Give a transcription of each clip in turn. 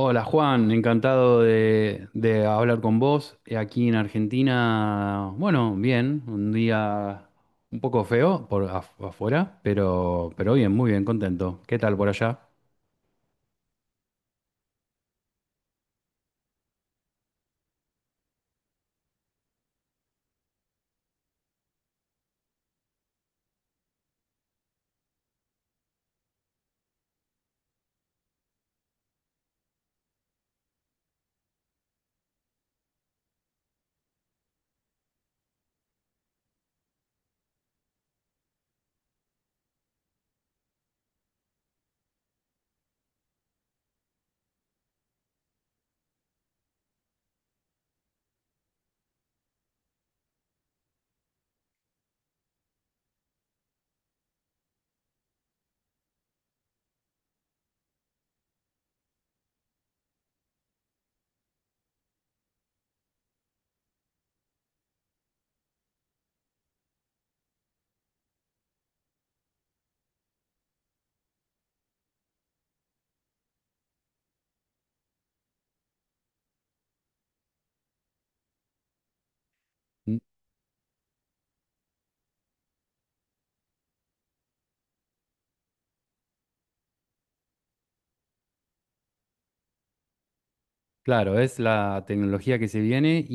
Hola Juan, encantado de hablar con vos. Aquí en Argentina, bueno, bien, un día un poco feo por afuera, pero bien, muy bien, contento. ¿Qué tal por allá? Mm. Claro, es la tecnología que se viene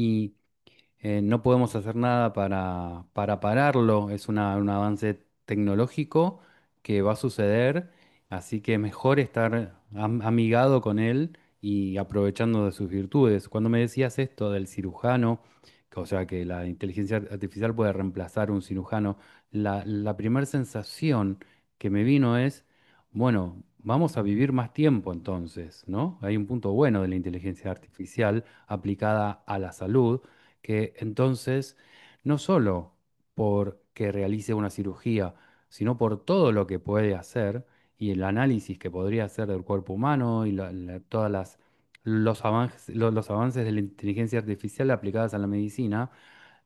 no podemos hacer nada para pararlo, es un avance tecnológico que va a suceder, así que mejor estar amigado con él y aprovechando de sus virtudes. Cuando me decías esto del cirujano, o sea, que la inteligencia artificial puede reemplazar un cirujano, la primera sensación que me vino es, bueno, vamos a vivir más tiempo entonces, ¿no? Hay un punto bueno de la inteligencia artificial aplicada a la salud que entonces, no solo porque realice una cirugía, sino por todo lo que puede hacer y el análisis que podría hacer del cuerpo humano y todas las, los avances, los avances de la inteligencia artificial aplicadas a la medicina,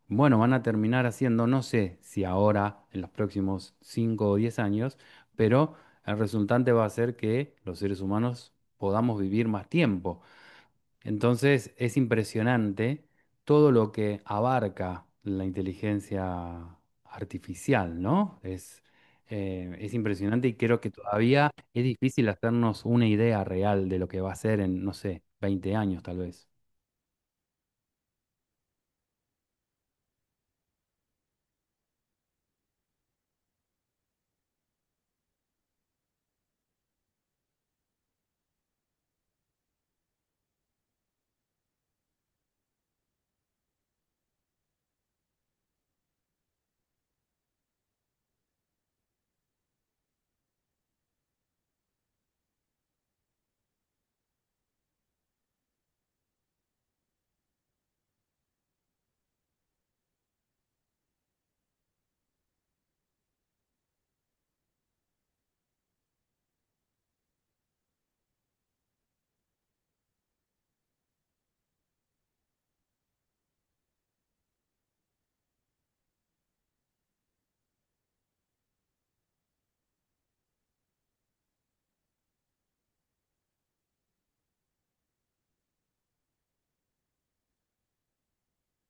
bueno, van a terminar haciendo, no sé si ahora, en los próximos 5 o 10 años, pero el resultante va a ser que los seres humanos podamos vivir más tiempo. Entonces es impresionante todo lo que abarca la inteligencia artificial, ¿no? Es impresionante y creo que todavía es difícil hacernos una idea real de lo que va a ser en, no sé, 20 años tal vez.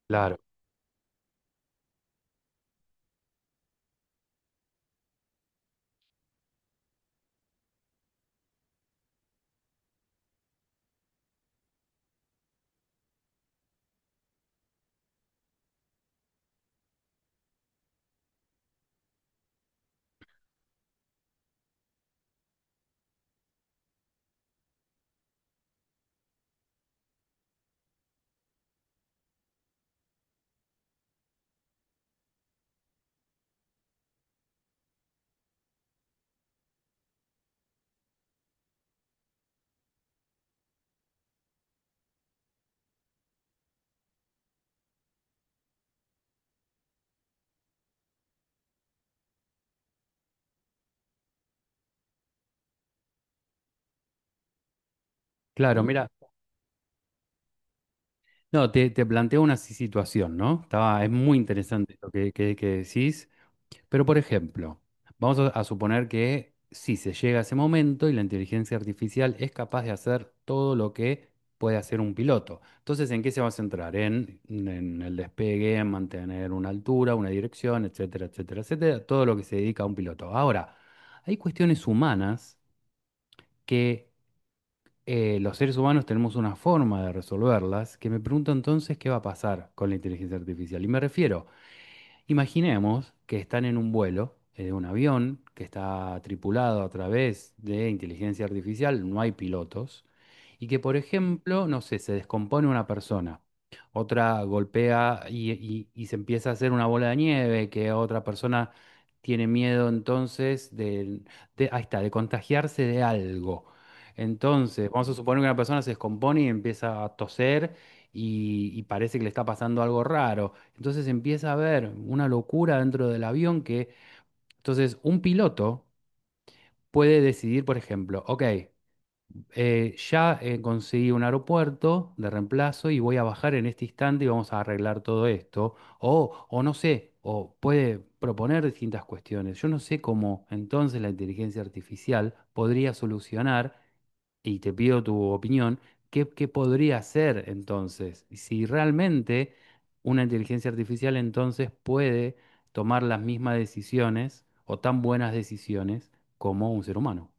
Claro, claro, mira, no, te planteo una situación, ¿no? Estaba, es muy interesante lo que decís. Pero, por ejemplo, vamos a suponer que si se llega a ese momento y la inteligencia artificial es capaz de hacer todo lo que puede hacer un piloto. Entonces, ¿en qué se va a centrar? En el despegue, en mantener una altura, una dirección, etcétera, etcétera, etcétera, todo lo que se dedica a un piloto. Ahora, hay cuestiones humanas que los seres humanos tenemos una forma de resolverlas, que me pregunto entonces qué va a pasar con la inteligencia artificial. Y me refiero, imaginemos que están en un vuelo en un avión que está tripulado a través de inteligencia artificial, no hay pilotos, y que, por ejemplo, no sé, se descompone una persona, otra golpea y, y se empieza a hacer una bola de nieve, que otra persona tiene miedo entonces de, ahí está, de contagiarse de algo. Entonces, vamos a suponer que una persona se descompone y empieza a toser y parece que le está pasando algo raro. Entonces empieza a haber una locura dentro del avión que, entonces, un piloto puede decidir, por ejemplo, ok, ya conseguí un aeropuerto de reemplazo y voy a bajar en este instante y vamos a arreglar todo esto. O no sé, o puede proponer distintas cuestiones. Yo no sé cómo entonces la inteligencia artificial podría solucionar, y te pido tu opinión, qué podría hacer entonces. Y si realmente una inteligencia artificial entonces puede tomar las mismas decisiones o tan buenas decisiones como un ser humano.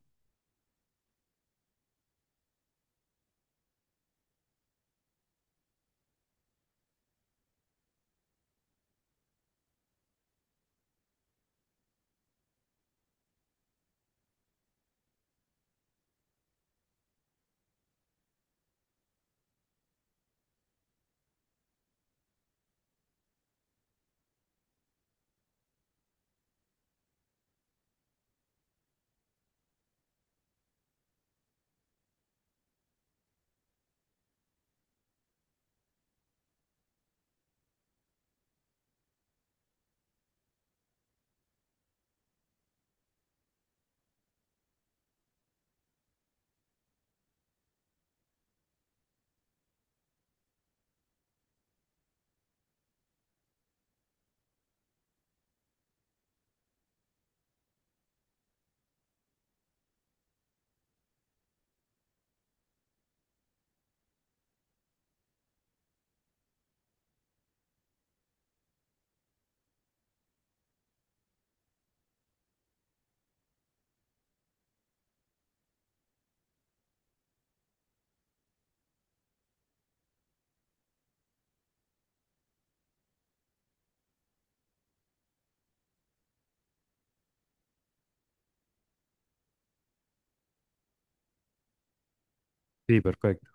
Sí, perfecto.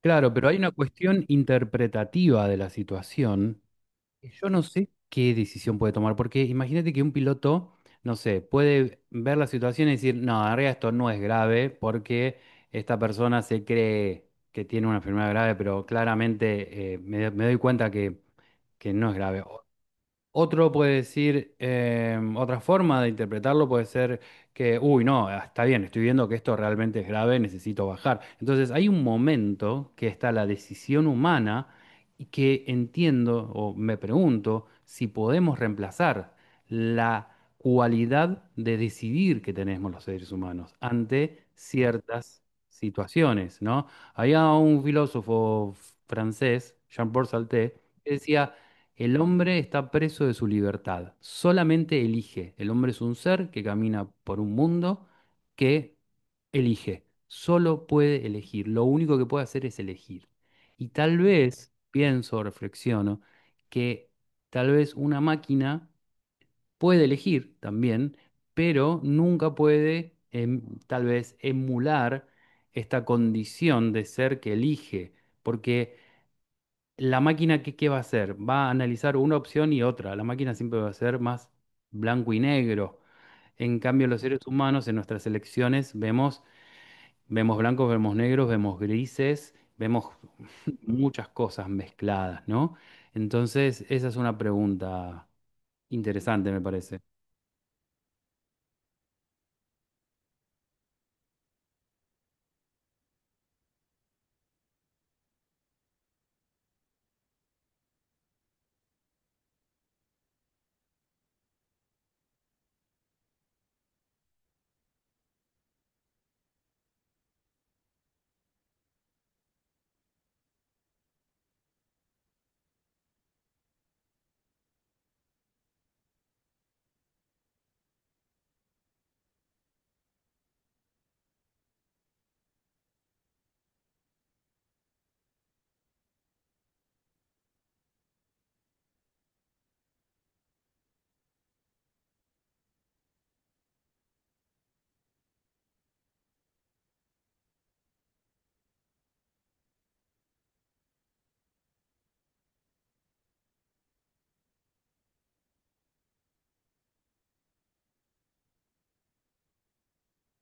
Claro, pero hay una cuestión interpretativa de la situación, que yo no sé qué decisión puede tomar, porque imagínate que un piloto, no sé, puede ver la situación y decir, no, en realidad esto no es grave porque esta persona se cree que tiene una enfermedad grave, pero claramente me doy cuenta que no es grave. Otro puede decir, otra forma de interpretarlo puede ser que, uy, no, ah, está bien, estoy viendo que esto realmente es grave, necesito bajar. Entonces hay un momento que está la decisión humana y que entiendo o me pregunto si podemos reemplazar la cualidad de decidir que tenemos los seres humanos ante ciertas situaciones, ¿no? Había un filósofo francés, Jean-Paul Sartre, que decía el hombre está preso de su libertad, solamente elige. El hombre es un ser que camina por un mundo que elige, solo puede elegir, lo único que puede hacer es elegir. Y tal vez, pienso, reflexiono, que tal vez una máquina puede elegir también, pero nunca puede tal vez emular esta condición de ser que elige, porque la máquina, qué va a hacer? Va a analizar una opción y otra. La máquina siempre va a ser más blanco y negro. En cambio, los seres humanos en nuestras elecciones vemos, vemos blancos, vemos negros, vemos grises, vemos muchas cosas mezcladas, ¿no? Entonces, esa es una pregunta interesante, me parece.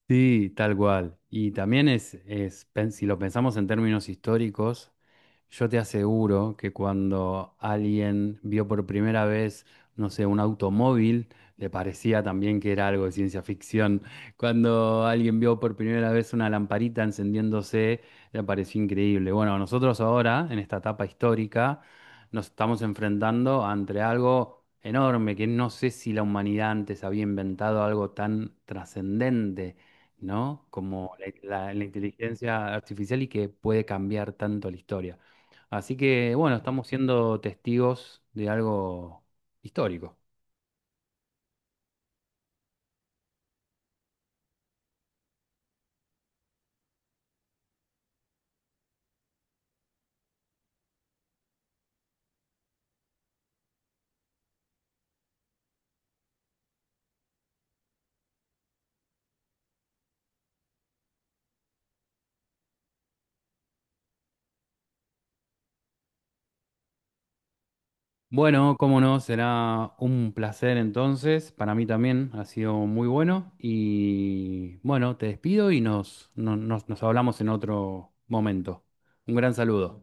Sí, tal cual. Y también si lo pensamos en términos históricos, yo te aseguro que cuando alguien vio por primera vez, no sé, un automóvil, le parecía también que era algo de ciencia ficción. Cuando alguien vio por primera vez una lamparita encendiéndose, le pareció increíble. Bueno, nosotros ahora, en esta etapa histórica, nos estamos enfrentando ante algo enorme, que no sé si la humanidad antes había inventado algo tan trascendente, ¿no? Como la inteligencia artificial y que puede cambiar tanto la historia. Así que, bueno, estamos siendo testigos de algo histórico. Bueno, cómo no, será un placer entonces. Para mí también ha sido muy bueno. Y bueno, te despido y nos, no- nos, nos hablamos en otro momento. Un gran saludo.